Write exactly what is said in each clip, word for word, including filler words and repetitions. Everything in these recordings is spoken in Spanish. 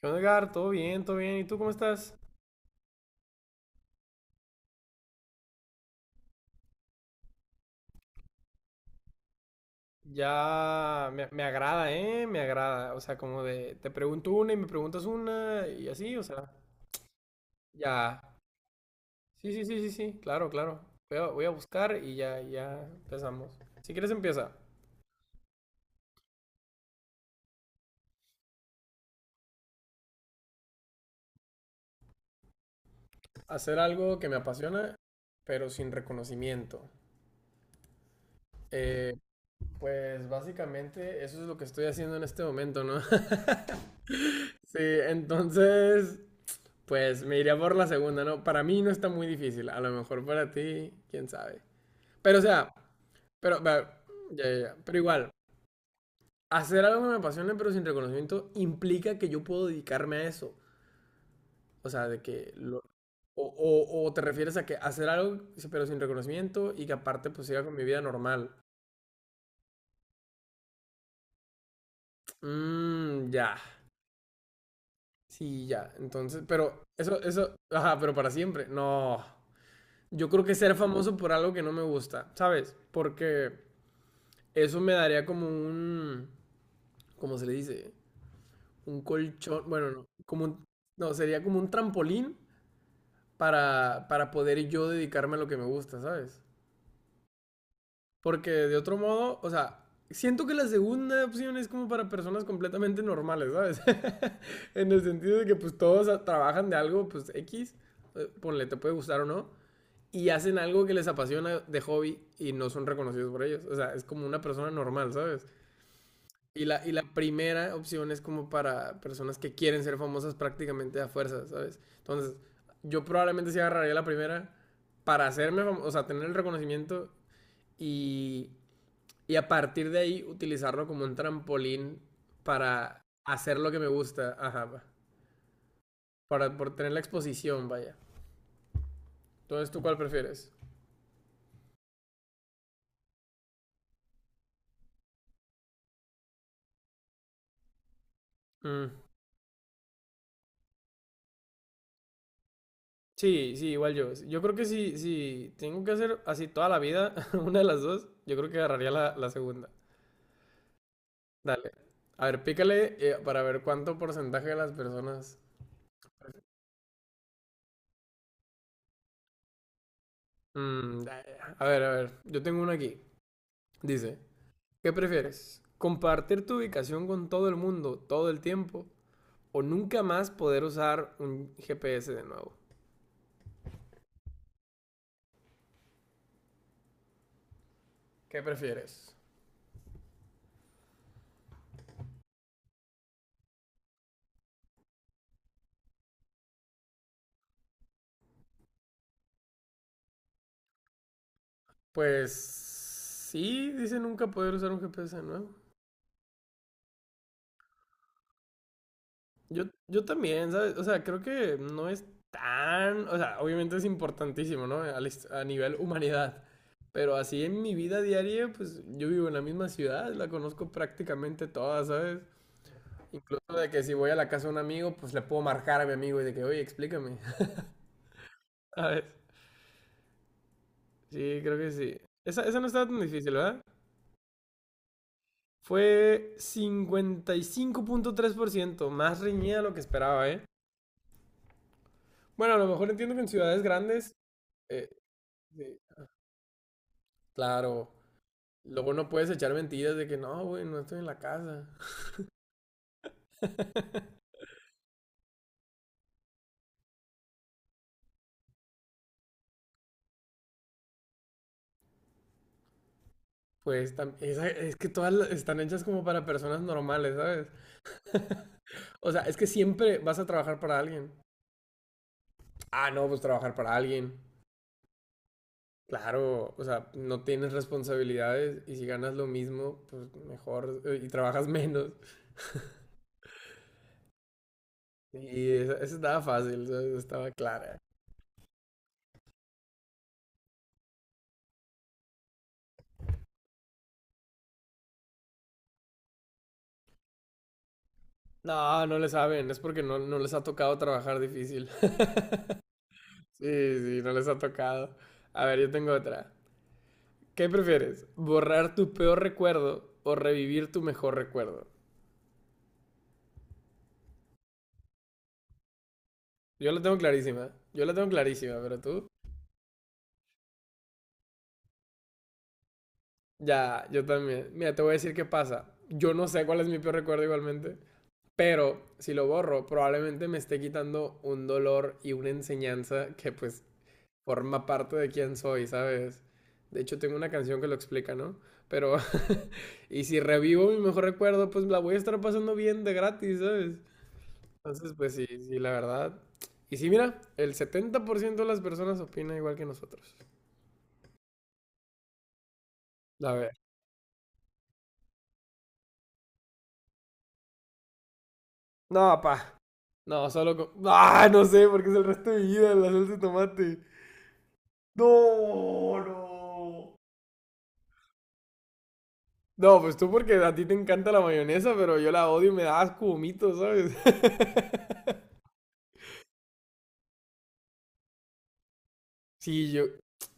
¿Qué onda, Edgar? ¿Todo bien? ¿Todo bien? ¿Y tú cómo estás? Ya me, me agrada, ¿eh? Me agrada. O sea, como de te pregunto una y me preguntas una y así, o sea, ya. Sí, sí, sí, sí, sí, claro, claro. Voy a, voy a buscar y ya, ya empezamos. Si quieres empieza. Hacer algo que me apasiona, pero sin reconocimiento. Eh, pues básicamente eso es lo que estoy haciendo en este momento, ¿no? Sí, entonces, pues me iría por la segunda, ¿no? Para mí no está muy difícil. A lo mejor para ti, quién sabe. Pero, o sea, pero, pero, ya, ya, ya. Pero igual, hacer algo que me apasione pero sin reconocimiento implica que yo puedo dedicarme a eso. O sea, de que lo. O, o- o te refieres a que hacer algo pero sin reconocimiento y que aparte pues siga con mi vida normal. Mmm, ya. Sí, ya. Entonces, pero eso, eso, ajá, pero para siempre. No. Yo creo que ser famoso por algo que no me gusta, ¿sabes? Porque eso me daría como un, ¿cómo se le dice? Un colchón, bueno, no, como un, no, sería como un trampolín para, para poder yo dedicarme a lo que me gusta, ¿sabes? Porque de otro modo, o sea, siento que la segunda opción es como para personas completamente normales, ¿sabes? En el sentido de que pues todos a- trabajan de algo, pues X, eh, ponle, te puede gustar o no, y hacen algo que les apasiona de hobby y no son reconocidos por ellos. O sea, es como una persona normal, ¿sabes? Y la, y la primera opción es como para personas que quieren ser famosas prácticamente a fuerza, ¿sabes? Entonces, yo probablemente sí agarraría la primera para hacerme famoso, o sea, tener el reconocimiento y, y a partir de ahí utilizarlo como un trampolín para hacer lo que me gusta, ajá, para, por tener la exposición, vaya. Entonces, ¿tú cuál prefieres? Mm. Sí, sí, igual yo. Yo creo que si, si tengo que hacer así toda la vida, una de las dos, yo creo que agarraría la, la segunda. Dale. A ver, pícale, eh, para ver cuánto porcentaje de las personas. Mm, da- a ver, a ver. Yo tengo uno aquí. Dice: ¿Qué prefieres? ¿Compartir tu ubicación con todo el mundo todo el tiempo? ¿O nunca más poder usar un G P S de nuevo? ¿Qué prefieres? Pues. Sí, dice nunca poder usar un G P S de nuevo. Yo, yo también, ¿sabes? O sea, creo que no es tan, o sea, obviamente es importantísimo, ¿no? Al est- A, nivel humanidad. Pero así en mi vida diaria, pues yo vivo en la misma ciudad, la conozco prácticamente toda, ¿sabes? Incluso de que si voy a la casa de un amigo, pues le puedo marcar a mi amigo y de que, oye, explícame, ¿sabes? Sí, creo que sí. Esa, esa no estaba tan difícil, ¿verdad? Fue cincuenta y cinco punto tres por ciento más reñida de lo que esperaba, ¿eh? Bueno, a lo mejor entiendo que en ciudades grandes, eh, sí, claro. Luego no puedes echar mentiras de que no, güey, no estoy en la casa. Pues tam- esa- es que todas la- están hechas como para personas normales, ¿sabes? O sea, es que siempre vas a trabajar para alguien. Ah, no, pues trabajar para alguien. Claro, o sea, no tienes responsabilidades y si ganas lo mismo, pues mejor, eh, y trabajas menos. Y esa, esa estaba fácil, ¿sabes? Estaba clara. No, no le saben, es porque no, no les ha tocado trabajar difícil. Sí, sí, no les ha tocado. A ver, yo tengo otra. ¿Qué prefieres? ¿Borrar tu peor recuerdo o revivir tu mejor recuerdo? Yo la tengo clarísima. Yo la tengo clarísima, pero tú. Ya, yo también. Mira, te voy a decir qué pasa. Yo no sé cuál es mi peor recuerdo igualmente. Pero si lo borro, probablemente me esté quitando un dolor y una enseñanza que pues forma parte de quién soy, ¿sabes? De hecho, tengo una canción que lo explica, ¿no? Pero, y si revivo mi mejor recuerdo, pues la voy a estar pasando bien de gratis, ¿sabes? Entonces, pues sí, sí, la verdad. Y sí, mira, el setenta por ciento de las personas opina igual que nosotros. A ver. No, pa. No, solo con. Ah, no sé, porque es el resto de mi vida la salsa de tomate. No, no. No, pues tú porque a ti te encanta la mayonesa, pero yo la odio y me da asco, vomito, ¿sabes? Sí, yo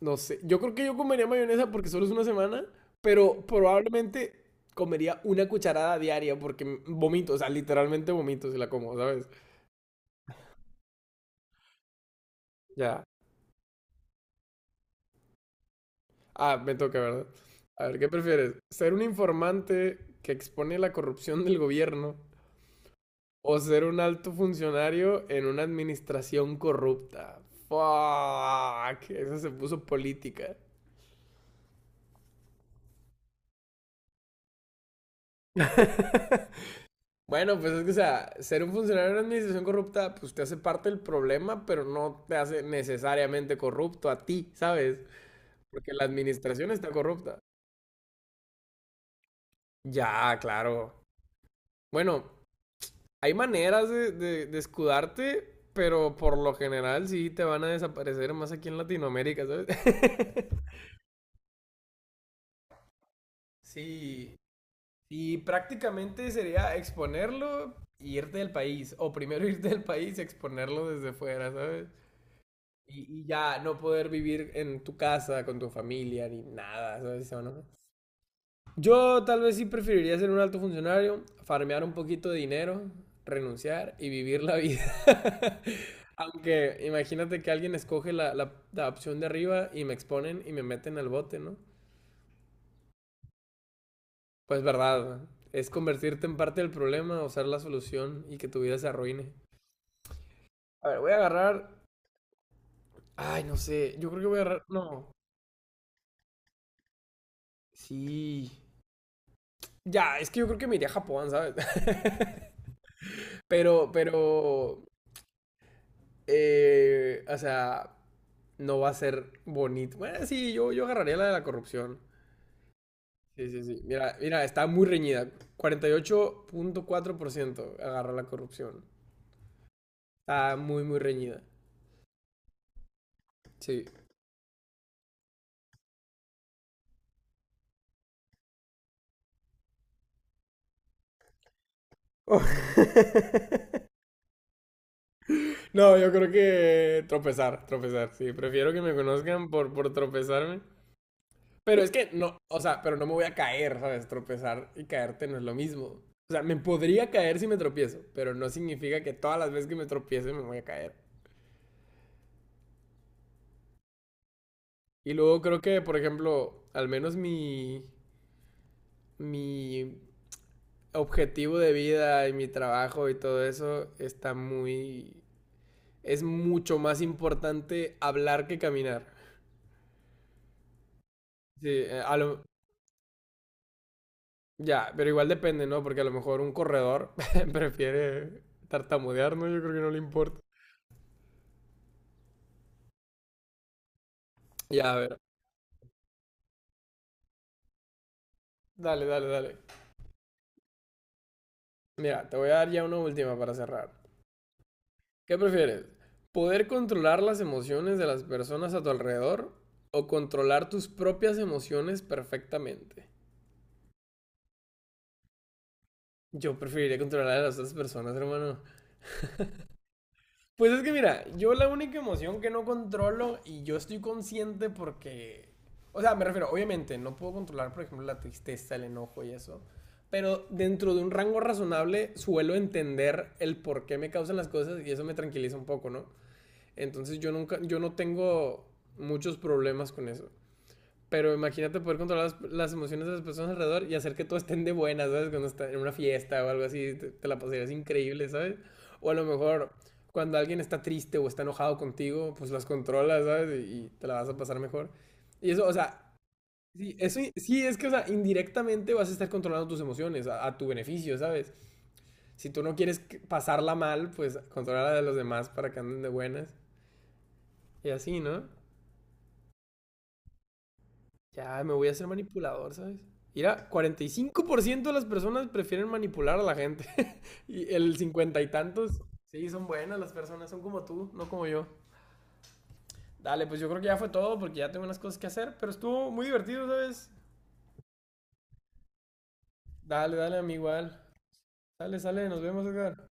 no sé. Yo creo que yo comería mayonesa porque solo es una semana, pero probablemente comería una cucharada diaria porque m- vomito, o sea, literalmente vomito si la como, ¿sabes? Ya. Ah, me toca, ¿verdad? A ver, ¿qué prefieres? ¿Ser un informante que expone la corrupción del gobierno o ser un alto funcionario en una administración corrupta? Fuck, esa se puso política. Bueno, pues es que, o sea, ser un funcionario en una administración corrupta, pues te hace parte del problema, pero no te hace necesariamente corrupto a ti, ¿sabes? Porque la administración está corrupta. Ya, claro. Bueno, hay maneras de, de, de escudarte, pero por lo general sí te van a desaparecer más aquí en Latinoamérica, ¿sabes? Sí. Y prácticamente sería exponerlo y irte del país. O primero irte del país y exponerlo desde fuera, ¿sabes? Y, y ya no poder vivir en tu casa, con tu familia, ni nada, ¿sabes? ¿O no? Yo tal vez sí preferiría ser un alto funcionario, farmear un poquito de dinero, renunciar y vivir la vida. Aunque imagínate que alguien escoge la, la- la opción de arriba y me exponen y me meten al bote, ¿no? Pues verdad, es convertirte en parte del problema o ser la solución y que tu vida se arruine. A ver, voy a agarrar. Ay, no sé, yo creo que voy a agarrar. No, sí. Ya, es que yo creo que me iría a Japón, ¿sabes? Pero, pero, eh, o sea, no va a ser bonito. Bueno, sí, yo, yo agarraría la de la corrupción. Sí, sí, sí. Mira, mira, está muy reñida. Cuarenta y ocho punto cuatro por ciento agarra la corrupción. Está muy, muy reñida. Sí. No, yo creo que tropezar, tropezar. Sí, prefiero que me conozcan por, por, tropezarme. Pero es que no, o sea, pero no me voy a caer, ¿sabes? Tropezar y caerte no es lo mismo. O sea, me podría caer si me tropiezo, pero no significa que todas las veces que me tropiece me voy a caer. Y luego creo que, por ejemplo, al menos mi, mi objetivo de vida y mi trabajo y todo eso está muy. Es mucho más importante hablar que caminar. Sí, eh, a lo, ya, pero igual depende, ¿no? Porque a lo mejor un corredor prefiere tartamudear, ¿no? Yo creo que no le importa. Ya, dale, dale, dale. Mira, te voy a dar ya una última para cerrar. ¿Qué prefieres? ¿Poder controlar las emociones de las personas a tu alrededor o controlar tus propias emociones perfectamente? Yo preferiría controlar a las otras personas, hermano. Pues es que mira, yo la única emoción que no controlo y yo estoy consciente porque. O sea, me refiero, obviamente, no puedo controlar, por ejemplo, la tristeza, el enojo y eso. Pero dentro de un rango razonable suelo entender el por qué me causan las cosas y eso me tranquiliza un poco, ¿no? Entonces yo nunca, yo no tengo muchos problemas con eso. Pero imagínate poder controlar las, las emociones de las personas alrededor y hacer que todos estén de buenas, ¿sabes? Cuando estás en una fiesta o algo así, te, te la pasarías increíble, ¿sabes? O a lo mejor cuando alguien está triste o está enojado contigo, pues las controlas, ¿sabes? Y, y te la vas a pasar mejor. Y eso, o sea, sí, eso, i- sí, es que, o sea, indirectamente vas a estar controlando tus emociones a, a tu beneficio, ¿sabes? Si tú no quieres que- pasarla mal, pues controla la de los demás para que anden de buenas. Y así, ¿no? Ya, me voy a hacer manipulador, ¿sabes? Mira, cuarenta y cinco por ciento de las personas prefieren manipular a la gente. Y el cincuenta y tantos, sí, son buenas las personas, son como tú, no como yo. Dale, pues yo creo que ya fue todo porque ya tengo unas cosas que hacer, pero estuvo muy divertido, ¿sabes? Dale, dale, a mí igual. Sale, sale, nos vemos, Edgar.